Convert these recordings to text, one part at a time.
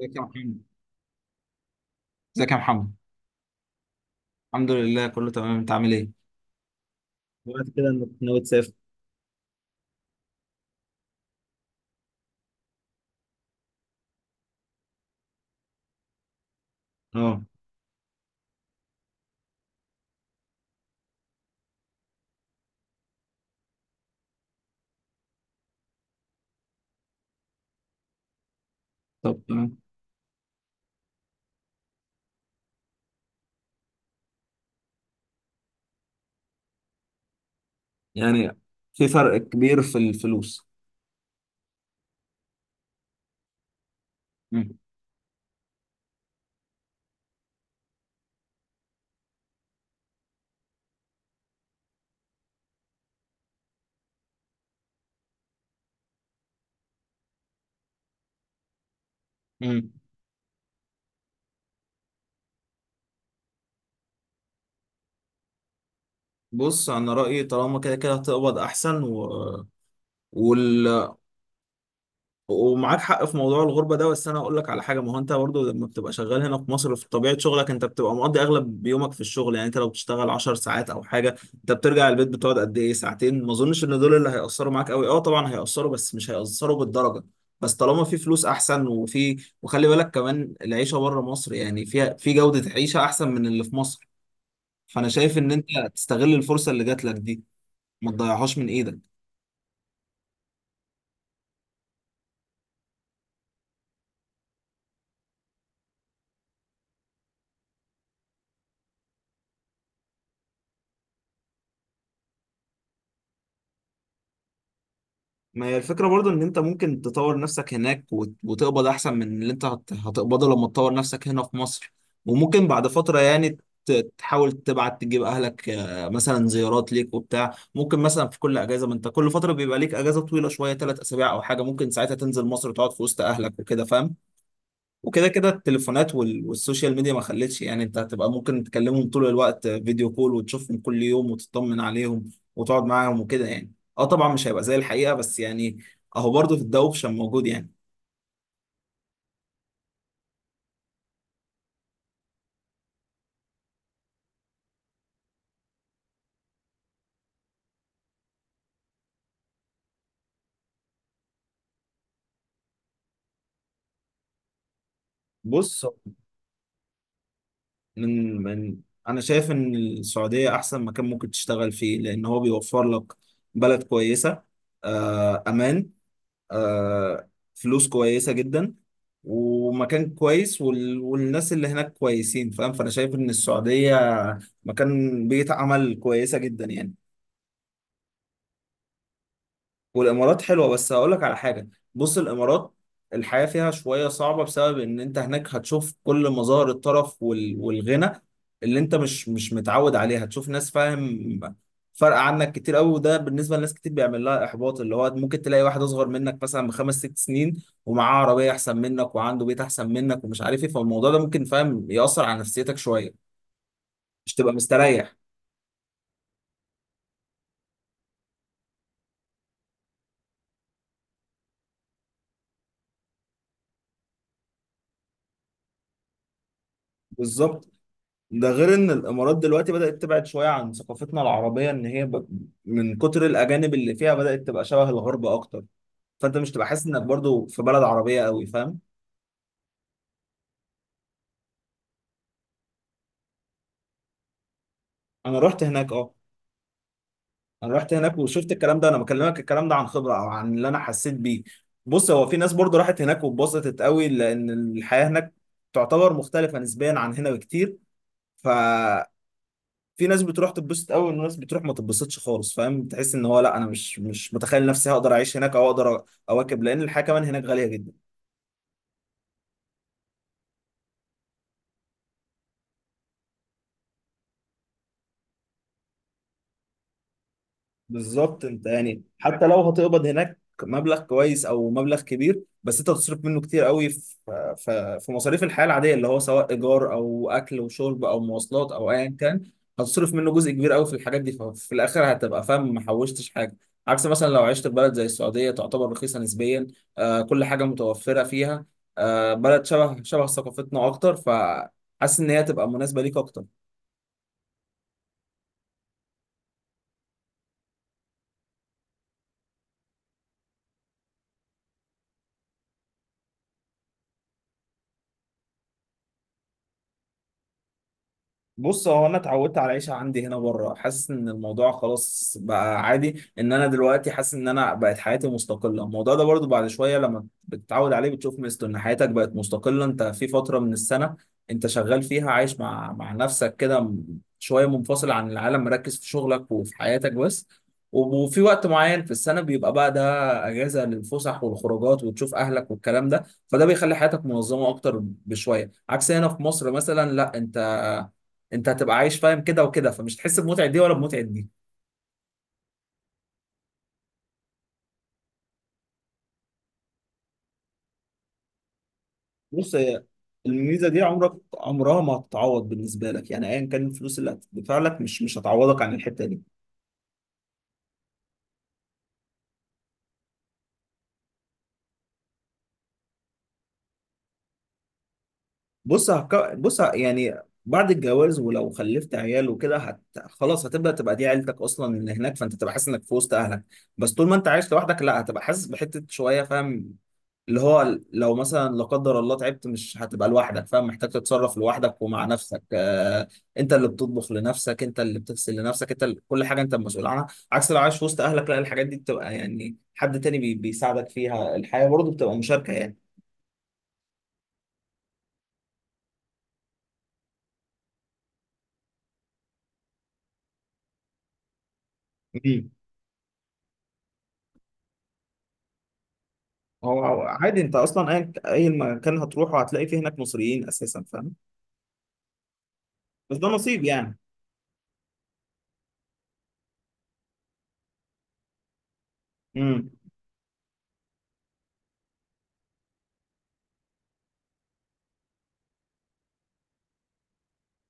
ازيك يا محمد ازيك يا محمد. الحمد لله، كله تمام. انت عامل ايه؟ دلوقتي كده انك ناوي تسافر؟ اه. طب تمام. يعني في فرق كبير في الفلوس؟ مم. مم. بص، انا رايي طالما كده كده هتقبض احسن وال... ومعاك حق في موضوع الغربة ده. بس أنا أقول لك على حاجة، ما هو أنت برضو لما بتبقى شغال هنا في مصر في طبيعة شغلك أنت بتبقى مقضي أغلب يومك في الشغل. يعني أنت لو بتشتغل 10 ساعات أو حاجة، أنت بترجع البيت بتقعد قد إيه؟ ساعتين. ما أظنش إن دول اللي هيأثروا معاك أوي. أه طبعا هيأثروا بس مش هيأثروا بالدرجة. بس طالما في فلوس أحسن وخلي بالك كمان العيشة بره مصر يعني فيها في جودة عيشة أحسن من اللي في مصر. فأنا شايف إن أنت تستغل الفرصة اللي جات لك دي، ما تضيعهاش من إيدك. ما هي الفكرة برضو ان انت ممكن تطور نفسك هناك وتقبض احسن من اللي انت هتقبضه لما تطور نفسك هنا في مصر. وممكن بعد فترة يعني ت- تحاول تبعت تجيب اهلك، مثلا زيارات ليك وبتاع. ممكن مثلا في كل اجازة، ما انت كل فترة بيبقى ليك اجازة طويلة شوية، ثلاث اسابيع او حاجة، ممكن ساعتها تنزل مصر وتقعد في وسط اهلك وكده، فاهم؟ وكده كده التليفونات والسوشيال ميديا ما خلتش، يعني انت هتبقى ممكن تكلمهم طول الوقت فيديو كول وتشوفهم كل يوم وتطمن عليهم وتقعد معاهم وكده يعني. اه طبعا مش هيبقى زي الحقيقة، بس يعني اهو برضه في الدوشة موجود يعني. بص، من من انا شايف ان السعودية احسن مكان ممكن تشتغل فيه، لان هو بيوفر لك بلد كويسة، آه، امان، آه، فلوس كويسة جدا ومكان كويس والناس اللي هناك كويسين، فاهم؟ فأنا شايف إن السعودية مكان بيئة عمل كويسة جدا يعني. والامارات حلوه بس هقول لك على حاجه. بص الامارات الحياه فيها شويه صعبه، بسبب ان انت هناك هتشوف كل مظاهر الطرف والغنى اللي انت مش متعود عليها. هتشوف ناس، فاهم، فرق عنك كتير قوي. وده بالنسبه لناس كتير بيعمل لها احباط، اللي هو ممكن تلاقي واحد اصغر منك مثلا بخمس ست سنين ومعاه عربيه احسن منك وعنده بيت احسن منك ومش عارف ايه. فالموضوع ده ممكن، فاهم، ياثر على نفسيتك شويه، مش تبقى مستريح. بالظبط. ده غير ان الامارات دلوقتي بدأت تبعد شوية عن ثقافتنا العربية، ان هي من كتر الاجانب اللي فيها بدأت تبقى شبه الغرب اكتر. فانت مش تبقى حاسس انك برضو في بلد عربية قوي، فاهم. انا رحت هناك اه. انا رحت هناك وشفت الكلام ده، انا بكلمك الكلام ده عن خبرة او عن اللي انا حسيت بيه. بص، هو في ناس برضو راحت هناك واتبسطت قوي لان الحياة هناك تعتبر مختلفة نسبيا عن هنا بكتير. ف في ناس بتروح تتبسط قوي وناس بتروح ما تتبسطش خالص، فاهم، تحس ان هو لا، انا مش متخيل نفسي هقدر اعيش هناك او اقدر اواكب، لان الحياه كمان هناك غاليه جدا. بالظبط، انت يعني حتى لو هتقبض هناك مبلغ كويس او مبلغ كبير، بس انت هتصرف منه كتير قوي في في مصاريف الحياه العاديه، اللي هو سواء ايجار او اكل وشرب او مواصلات او ايا كان. هتصرف منه جزء كبير قوي في الحاجات دي، ففي الاخر هتبقى فاهم ما حوشتش حاجه. عكس مثلا لو عشت في بلد زي السعوديه تعتبر رخيصه نسبيا، آه، كل حاجه متوفره فيها، آه، بلد شبه ثقافتنا اكتر، فحاسس ان هي تبقى مناسبه ليك اكتر. بص هو انا اتعودت على العيشه عندي هنا بره، حاسس ان الموضوع خلاص بقى عادي، ان انا دلوقتي حاسس ان انا بقت حياتي مستقله. الموضوع ده برضو بعد شويه لما بتتعود عليه بتشوف مثله ان حياتك بقت مستقله. انت في فتره من السنه انت شغال فيها عايش مع نفسك كده، شويه منفصل عن العالم، مركز في شغلك وفي حياتك بس. وفي وقت معين في السنه بيبقى بقى ده اجازه للفسح والخروجات وتشوف اهلك والكلام ده، فده بيخلي حياتك منظمه اكتر بشويه. عكس هنا في مصر مثلا لا، انت انت هتبقى عايش، فاهم، كده وكده، فمش هتحس بمتعه دي ولا بمتعه دي. بص هي الميزه دي عمرك عمرها ما هتتعوض بالنسبه لك يعني، ايا كان الفلوس اللي هتدفع لك مش هتعوضك عن الحته دي. بص هك... بص ه- يعني بعد الجواز ولو خلفت عيال وكده خلاص هتبدا تبقى دي عيلتك اصلا اللي هناك، فانت تبقى حاسس انك في وسط اهلك. بس طول ما انت عايش لوحدك لا، هتبقى حاسس بحته شويه، فاهم، اللي هو لو مثلا لا قدر الله تعبت مش هتبقى لوحدك، فاهم، محتاج تتصرف لوحدك ومع نفسك. آه، انت اللي بتطبخ لنفسك، انت اللي بتغسل لنفسك، انت اللي كل حاجه انت المسؤول عنها. عكس لو عايش وسط اهلك لا، الحاجات دي بتبقى يعني حد تاني بي بيساعدك فيها، الحياه برضه بتبقى مشاركه يعني. مم. هو هو عادي، انت اصلا اي مكان هتروحه هتلاقي فيه هناك مصريين اساسا، فاهم. بس ده نصيب يعني. امم.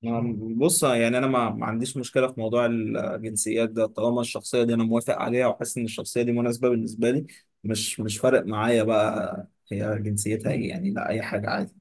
بص يعني انا ما عنديش مشكله في موضوع الجنسيات ده طالما الشخصيه دي انا موافق عليها وحاسس ان الشخصيه دي مناسبه بالنسبه لي. مش فارق معايا بقى هي جنسيتها ايه يعني، لا اي حاجه عادي.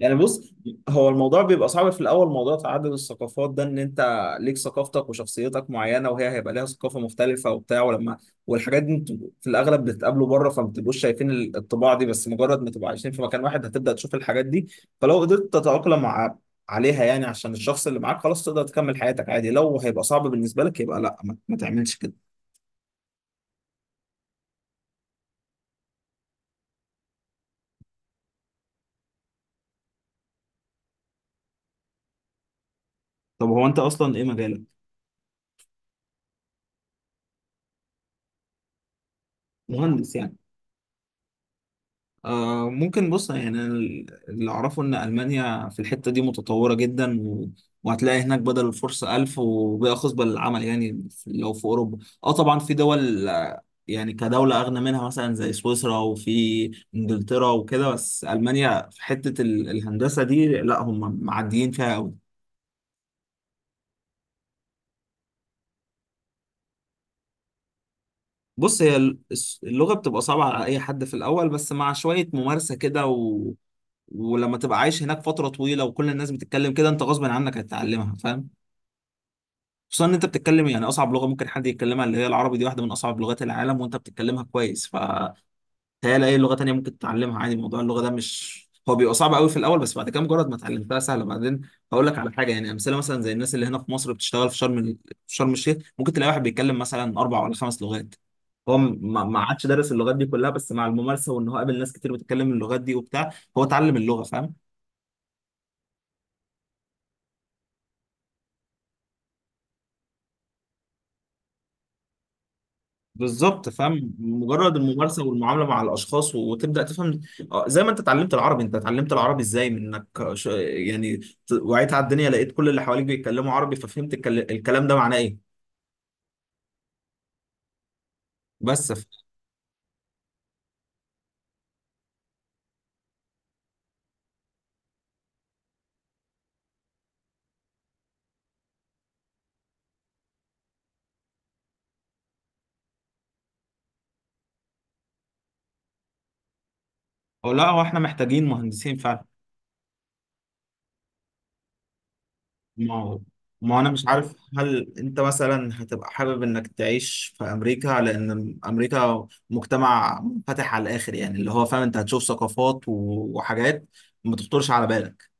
يعني بص هو الموضوع بيبقى صعب في الاول، موضوع تعدد الثقافات ده ان انت ليك ثقافتك وشخصيتك معينه وهي هيبقى ليها ثقافه مختلفه وبتاع، ولما، والحاجات دي انتوا في الاغلب بتتقابلوا بره فما بتبقوش شايفين الطباع دي. بس مجرد ما تبقوا عايشين في مكان واحد هتبدا تشوف الحاجات دي. فلو قدرت تتاقلم مع عليها يعني عشان الشخص اللي معاك خلاص تقدر تكمل حياتك عادي. لو هيبقى صعب بالنسبه لك يبقى لا، ما تعملش كده. طب هو انت اصلا ايه مجالك؟ مهندس يعني. آه ممكن. بص يعني أنا اللي أعرفه إن ألمانيا في الحتة دي متطورة جدا وهتلاقي هناك بدل الفرصة ألف، وباقي خصبة للعمل يعني، في- لو في أوروبا. أه طبعا في دول، يعني كدولة أغنى منها مثلا زي سويسرا وفي إنجلترا وكده، بس ألمانيا في حتة الهندسة دي لا هم معديين فيها أوي. بص هي اللغة بتبقى صعبة على أي حد في الأول، بس مع شوية ممارسة كده ولما تبقى عايش هناك فترة طويلة وكل الناس بتتكلم كده أنت غصب عنك هتتعلمها، فاهم. خصوصا إن أنت بتتكلم يعني أصعب لغة ممكن حد يتكلمها، اللي هي العربي دي واحدة من أصعب لغات العالم وأنت بتتكلمها كويس. ف تهيألي أي لغة تانية ممكن تتعلمها عادي. موضوع اللغة ده مش هو بيبقى صعب قوي في الأول بس بعد كده مجرد ما اتعلمتها سهلة بعدين. هقول لك على حاجة يعني، أمثلة مثلا زي الناس اللي هنا في مصر بتشتغل في شرم في شرم الشيخ ممكن تلاقي واحد بيتكلم مثلا أربع ولا خمس لغات. هو ما عادش دارس اللغات دي كلها، بس مع الممارسة وإن هو قابل ناس كتير بتتكلم اللغات دي وبتاع، هو اتعلم اللغة، فاهم. بالظبط، فاهم، مجرد الممارسه والمعامله مع الاشخاص وتبدا تفهم. آه، زي ما انت اتعلمت العربي، انت اتعلمت العربي ازاي؟ من انك وعيت على الدنيا لقيت كل اللي حواليك بيتكلموا عربي، ففهمت الكلام ده معناه ايه. بس أو لا، هو احنا محتاجين مهندسين فعلا. ما هو ما هو انا مش عارف هل انت مثلا هتبقى حابب انك تعيش في امريكا، لان امريكا مجتمع منفتح على الاخر يعني، اللي هو فاهم انت هتشوف ثقافات وحاجات ما تخطرش على بالك.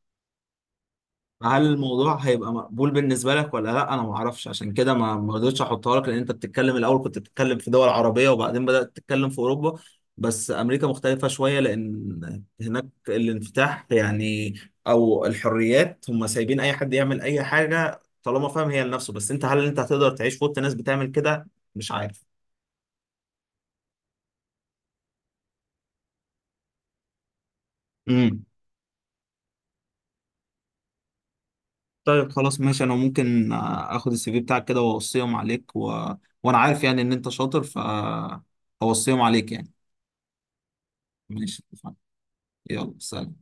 هل الموضوع هيبقى مقبول بالنسبه لك ولا لا؟ انا ما اعرفش عشان كده ما رضيتش احطها لك، لان انت بتتكلم الاول كنت بتتكلم في دول عربيه وبعدين بدات تتكلم في اوروبا. بس امريكا مختلفه شويه لان هناك الانفتاح يعني، او الحريات هم سايبين اي حد يعمل اي حاجه طالما فاهم هي لنفسه. بس انت هل انت هتقدر تعيش في وسط ناس بتعمل كده؟ مش عارف. امم. طيب خلاص ماشي، انا ممكن اخد السي في بتاعك كده واوصيهم عليك وانا عارف يعني ان انت شاطر، فاوصيهم عليك يعني. ماشي اتفقنا. يلا سلام.